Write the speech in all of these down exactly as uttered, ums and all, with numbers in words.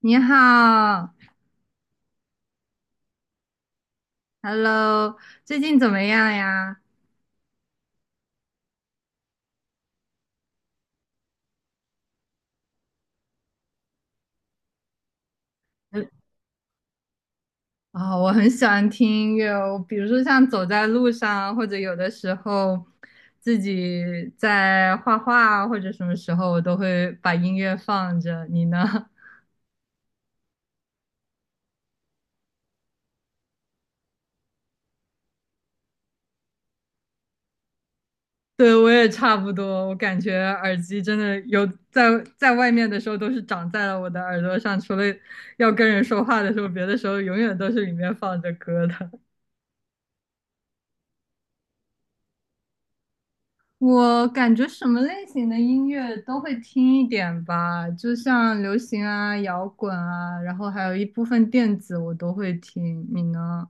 你好，Hello，最近怎么样呀？嗯啊、我很喜欢听音乐哦，比如说像走在路上，或者有的时候自己在画画啊，或者什么时候我都会把音乐放着。你呢？对，我也差不多，我感觉耳机真的有在在外面的时候都是长在了我的耳朵上，除了要跟人说话的时候，别的时候永远都是里面放着歌的。我感觉什么类型的音乐都会听一点吧，就像流行啊、摇滚啊，然后还有一部分电子我都会听。你呢？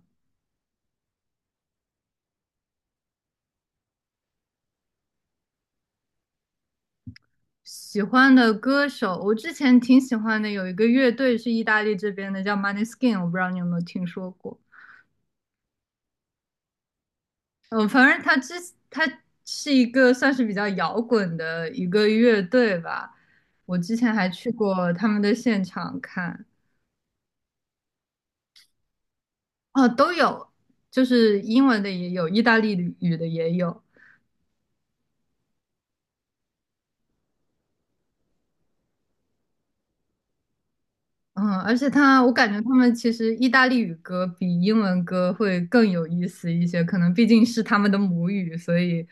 喜欢的歌手，我之前挺喜欢的，有一个乐队是意大利这边的，叫 m o n e y s k i n， 我不知道你有没有听说过。嗯，反正他之他是一个算是比较摇滚的一个乐队吧，我之前还去过他们的现场看。哦，都有，就是英文的也有，意大利语的也有。嗯，而且他，我感觉他们其实意大利语歌比英文歌会更有意思一些，可能毕竟是他们的母语，所以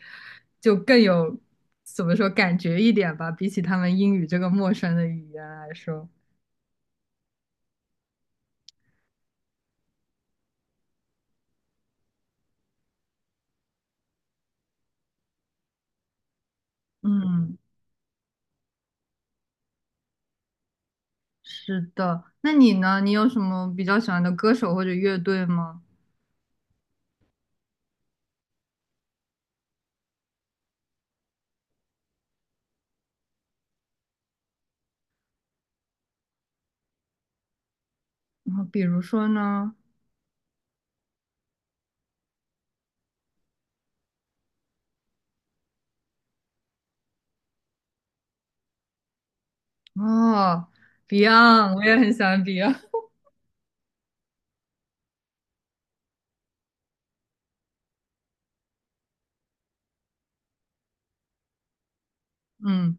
就更有怎么说感觉一点吧，比起他们英语这个陌生的语言来说。嗯，是的。那你呢？你有什么比较喜欢的歌手或者乐队吗？嗯，比如说呢？哦，Beyond，我也很喜欢 Beyond。嗯，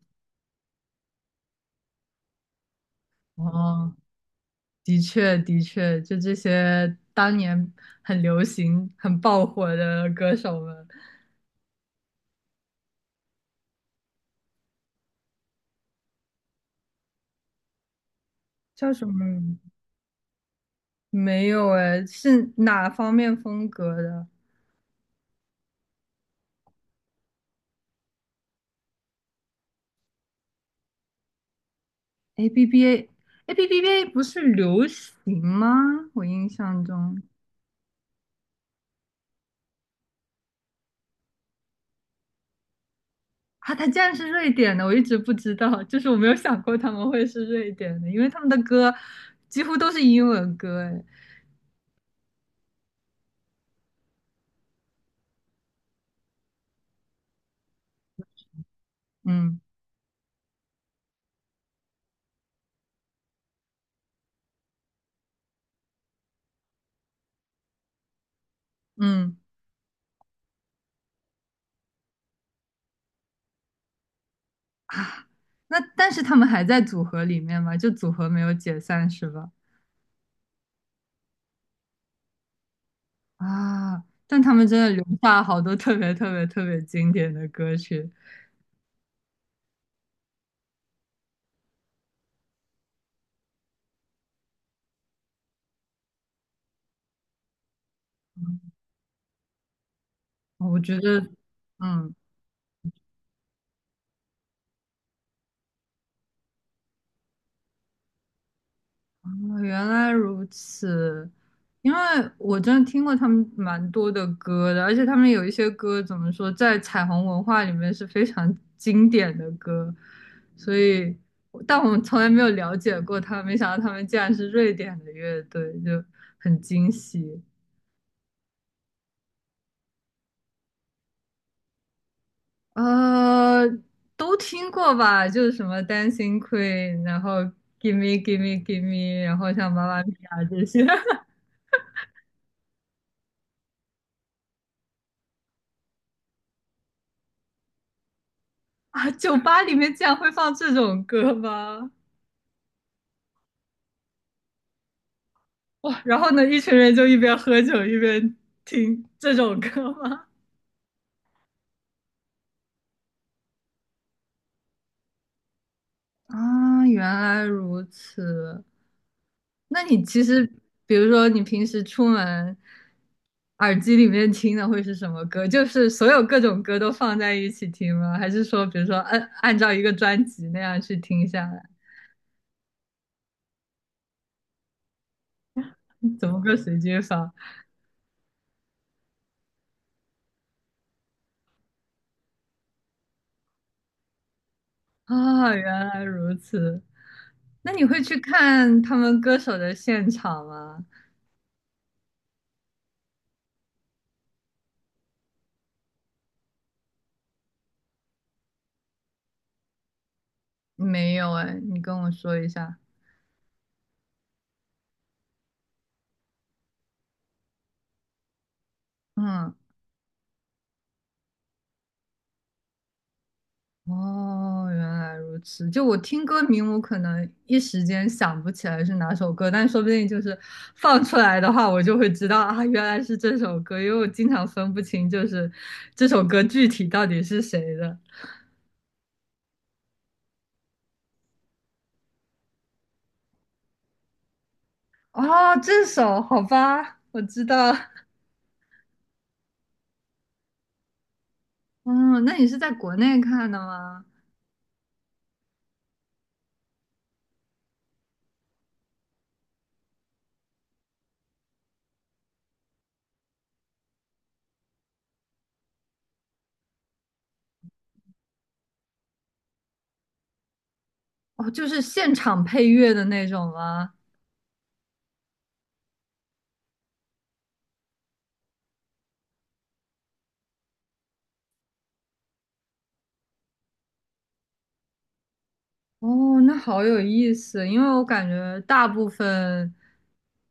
哦。的确，的确，就这些当年很流行、很爆火的歌手们，叫什么？没有哎，是哪方面风格的？A B B A，A B B A 不是流行吗？我印象中啊，他竟然是瑞典的，我一直不知道，就是我没有想过他们会是瑞典的，因为他们的歌几乎都是英文歌哎，嗯嗯，那但是他们还在组合里面嘛，就组合没有解散是吧？啊，但他们真的留下好多特别特别特别经典的歌曲，我觉得，嗯，啊原来如此，因为我真的听过他们蛮多的歌的，而且他们有一些歌怎么说，在彩虹文化里面是非常 经典的歌，所以，但我们从来没有了解过他们，没想到他们竟然是瑞典的乐队，就很惊喜。呃，都听过吧？就是什么《Dancing Queen》，然后《Give Me Give Me Give Me》，然后像《妈妈咪呀》这些 啊，酒吧里面竟然会放这种歌吗？哇，然后呢，一群人就一边喝酒一边听这种歌吗？啊，原来如此。那你其实，比如说你平时出门，耳机里面听的会是什么歌？就是所有各种歌都放在一起听吗？还是说，比如说按按照一个专辑那样去听下来？怎么个随机法啊？原来如此。那你会去看他们歌手的现场吗？没有哎，你跟我说一下。嗯。哦，原来如此。就我听歌名，我可能一时间想不起来是哪首歌，但说不定就是放出来的话，我就会知道啊，原来是这首歌，因为我经常分不清就是这首歌具体到底是谁的。哦，这首，好吧，我知道。嗯，那你是在国内看的吗？哦，就是现场配乐的那种吗？哦，那好有意思，因为我感觉大部分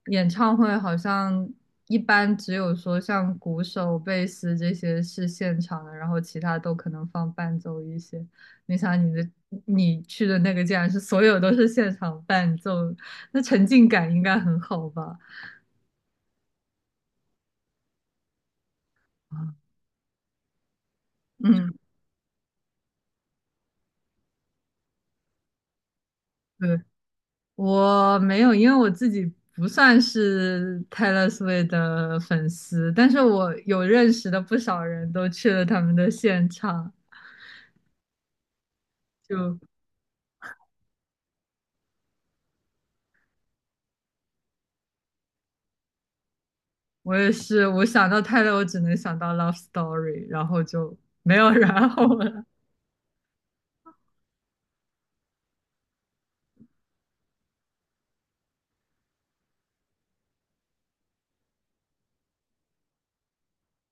演唱会好像一般只有说像鼓手、贝斯这些是现场的，然后其他都可能放伴奏一些。没想到你的你去的那个竟然是所有都是现场伴奏，那沉浸感应该很好吧？啊嗯，对。我没有，因为我自己不算是 Taylor Swift 的粉丝，但是我有认识的不少人都去了他们的现场。就我也是，我想到 Taylor，我只能想到 Love Story，然后就没有 然后了。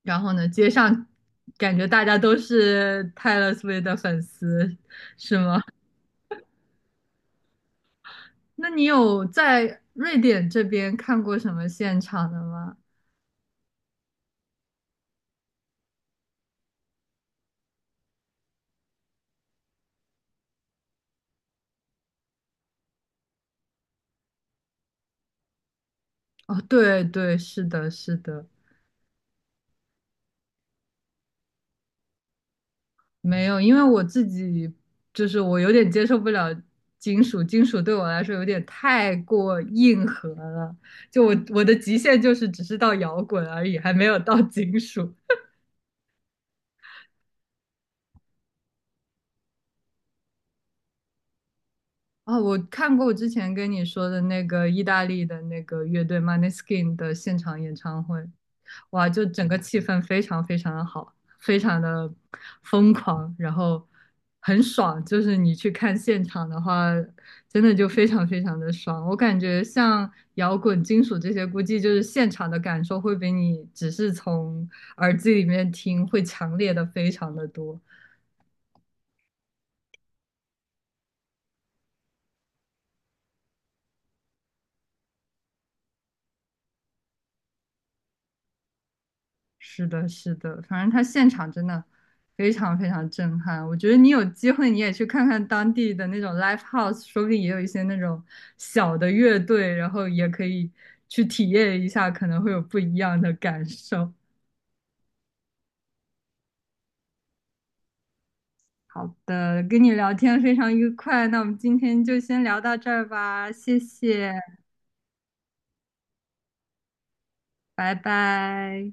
然后呢，街上感觉大家都是 Taylor Swift 的粉丝，是吗？那你有在瑞典这边看过什么现场的吗？哦，对对，是的，是的。没有，因为我自己就是我有点接受不了金属，金属对我来说有点太过硬核了。就我我的极限就是只是到摇滚而已，还没有到金属。哦，我看过我之前跟你说的那个意大利的那个乐队 m o n e y s k i n 的现场演唱会，哇，就整个气氛非常非常的好，非常的疯狂，然后很爽。就是你去看现场的话，真的就非常非常的爽。我感觉像摇滚、金属这些，估计就是现场的感受会比你只是从耳机里面听会强烈的非常的多。是的，是的，反正他现场真的非常非常震撼。我觉得你有机会你也去看看当地的那种 live house，说不定也有一些那种小的乐队，然后也可以去体验一下，可能会有不一样的感受。好的，跟你聊天非常愉快，那我们今天就先聊到这儿吧，谢谢，拜拜。